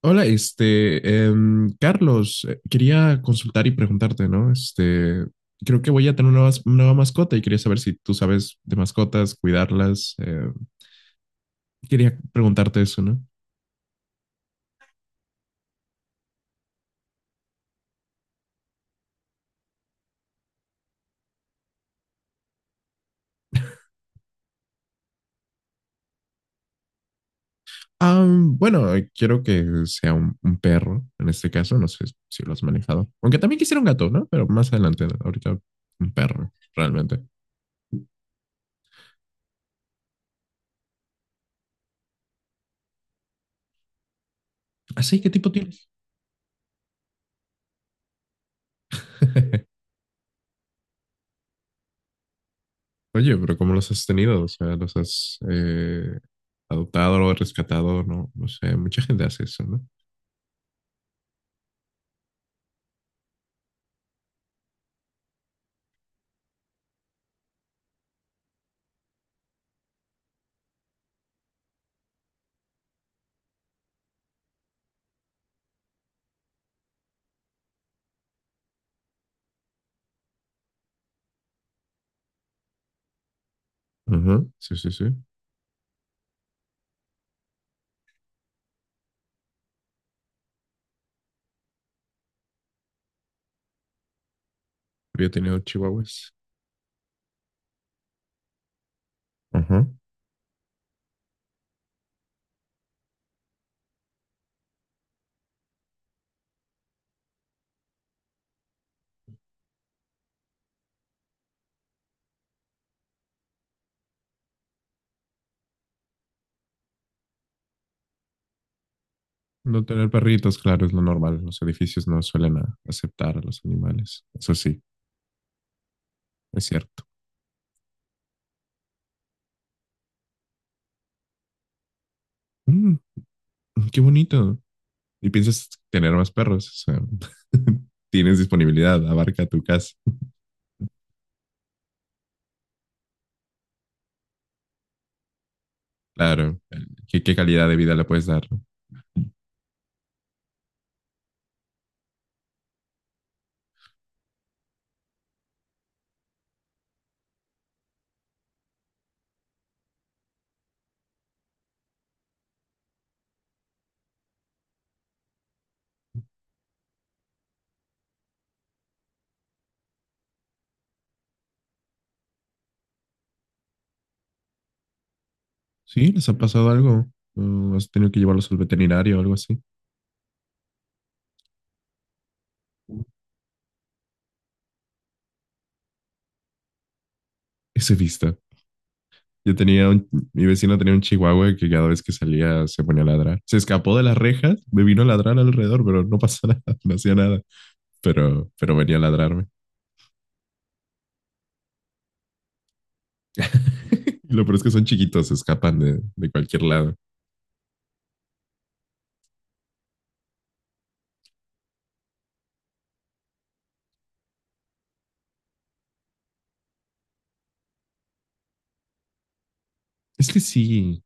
Hola, Carlos, quería consultar y preguntarte, ¿no? Creo que voy a tener una, nueva mascota y quería saber si tú sabes de mascotas, cuidarlas. Quería preguntarte eso, ¿no? Ah, bueno, quiero que sea un perro, en este caso, no sé si lo has manejado. Aunque también quisiera un gato, ¿no? Pero más adelante, ¿no? Ahorita un perro, realmente. Así, ¿qué tipo tienes? Oye, pero ¿cómo los has tenido? O sea, los has adoptado, o rescatado, no, no sé, mucha gente hace eso, ¿no? Ujú, sí, sí, sí. Yo he tenido chihuahuas. Ujú. No tener perritos, claro, es lo normal. Los edificios no suelen aceptar a los animales. Eso sí, es cierto. Mm, qué bonito. ¿Y piensas tener más perros? O sea, tienes disponibilidad, abarca tu casa. Claro, ¿qué calidad de vida le puedes dar? ¿No? ¿Sí? ¿Les ha pasado algo? ¿O has tenido que llevarlos al veterinario o algo así? Ese vista. Yo tenía un, Mi vecino tenía un chihuahua que cada vez que salía se ponía a ladrar. Se escapó de las rejas, me vino a ladrar alrededor, pero no pasó nada, no hacía nada. Pero venía a ladrarme. Y lo peor es que son chiquitos, se escapan de cualquier lado. Es que sí.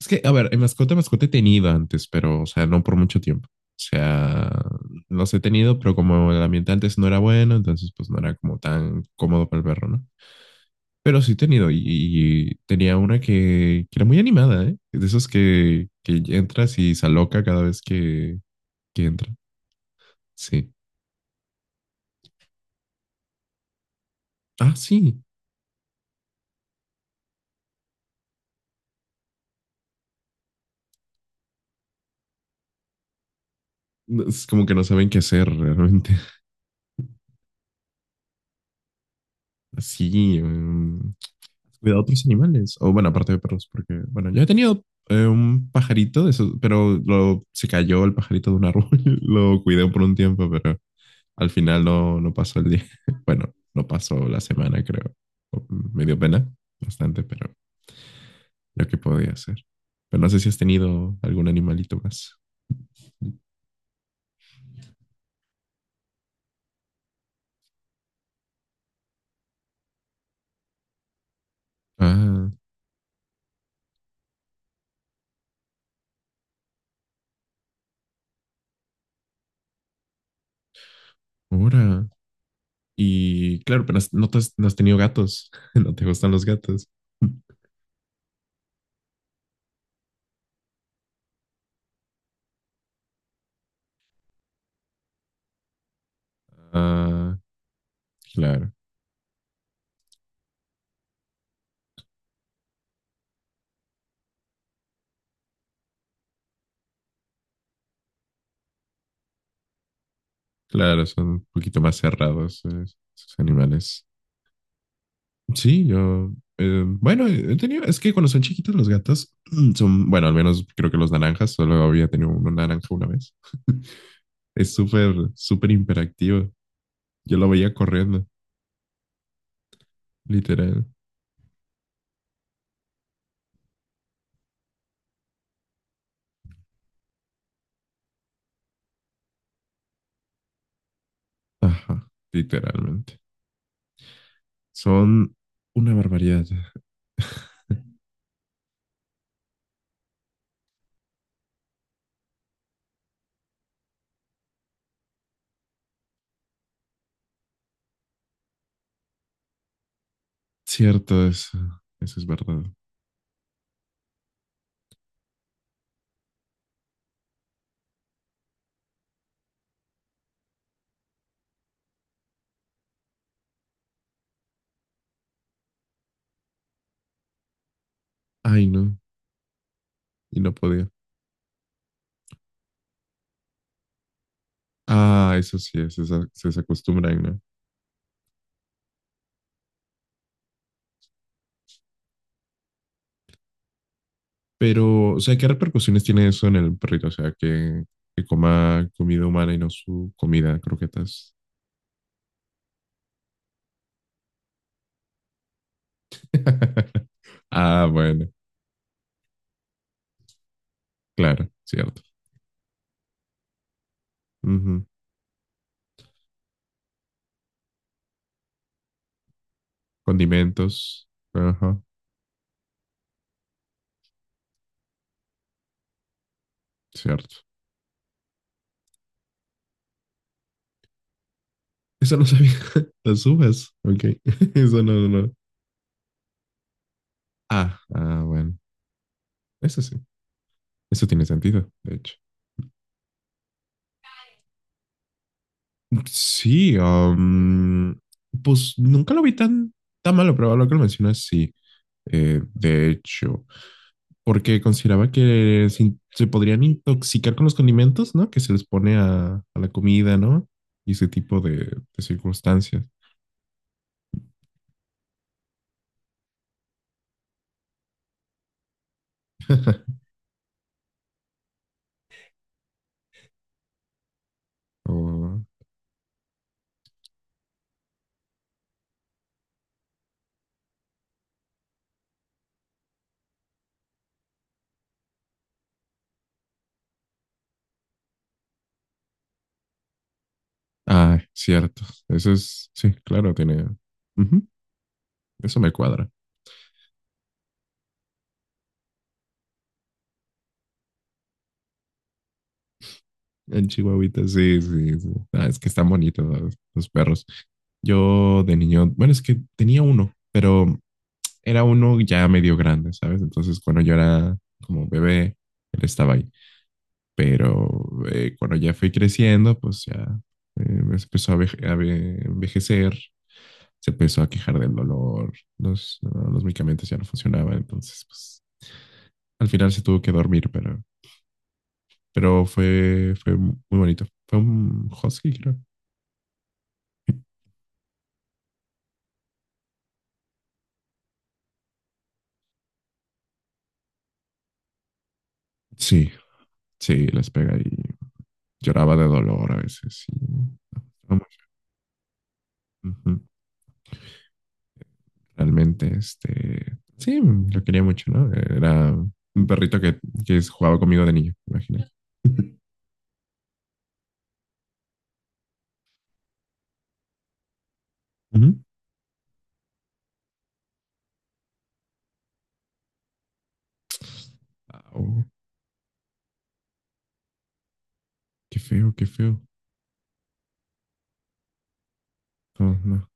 Es que, a ver, en mascota, mascota he tenido antes, pero, o sea, no por mucho tiempo. O sea, los he tenido, pero como el ambiente antes no era bueno, entonces pues no era como tan cómodo para el perro, ¿no? Pero sí he tenido y tenía una que era muy animada, ¿eh? De esos que entras y se aloca cada vez que entra. Sí. Ah, sí. No, es como que no saben qué hacer realmente. Así, cuidado a otros animales. O bueno, aparte de perros, porque, bueno, yo he tenido un pajarito, de esos, pero se cayó el pajarito de un árbol. Lo cuidé por un tiempo, pero al final no, no pasó el día. Bueno, no pasó la semana, creo. Me dio pena bastante, pero lo que podía hacer. Pero no sé si has tenido algún animalito más. Ah, ahora. Y claro, pero no, no has tenido gatos. No te gustan los gatos. Ah, claro. Claro, son un poquito más cerrados, esos animales. Sí, yo, bueno, he tenido, es que cuando son chiquitos los gatos son, bueno, al menos creo que los naranjas, solo había tenido un naranja una vez. Es súper, súper imperactivo. Yo lo veía corriendo, literal. Ajá, literalmente. Son una barbaridad. Cierto, eso es verdad. Ay, no, y no podía. Ah, eso sí, se acostumbran, ¿no? Pero, o sea, ¿qué repercusiones tiene eso en el perrito? O sea, que coma comida humana y no su comida, croquetas. Ah, bueno, claro, cierto. Ujú. Condimentos. Ajá, cierto. Eso no sabía. Las uvas. Ok. Eso no, no, no. Ah, ah, bueno. Eso sí. Eso tiene sentido, de hecho. Sí, pues nunca lo vi tan, tan malo, pero ahora que lo mencionas, sí. De hecho, porque consideraba que se podrían intoxicar con los condimentos, ¿no? Que se les pone a la comida, ¿no? Y ese tipo de circunstancias. O- ah, cierto. Eso es, sí, claro, tiene. Ujú, eso me cuadra. En Chihuahuita, sí, sí, sí. Ah, es que están bonitos los perros. Yo de niño, bueno, es que tenía uno, pero era uno ya medio grande, ¿sabes? Entonces, cuando yo era como bebé, él estaba ahí. Pero cuando ya fui creciendo, pues ya se empezó a envejecer, se empezó a quejar del dolor, no, los medicamentos ya no funcionaban, entonces pues al final se tuvo que dormir, pero fue muy bonito. Fue un husky, creo. Sí, sí, les pega y lloraba de dolor a veces. No, ujú. Realmente, sí, lo quería mucho, ¿no? Era un perrito que jugaba conmigo de niño, imagínate. Ujú. Ah, oh, qué feo, qué feo. No, no.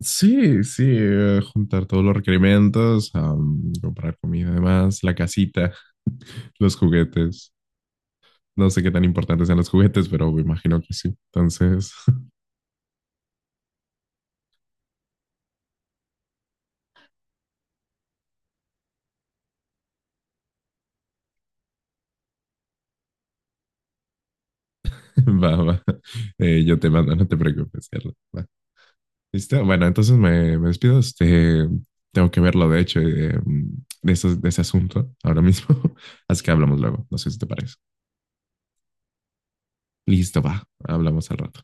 Sí, sí, juntar todos los requerimientos, comprar comida, además, la casita, los juguetes. No sé qué tan importantes sean los juguetes, pero me imagino que sí. Entonces, va, va. Yo te mando, no te preocupes, Carla. Va. ¿Listo? Bueno, entonces me despido. Tengo que verlo, de hecho, de ese asunto ahora mismo. Así que hablamos luego. No sé si te parece. Listo, va. Hablamos al rato.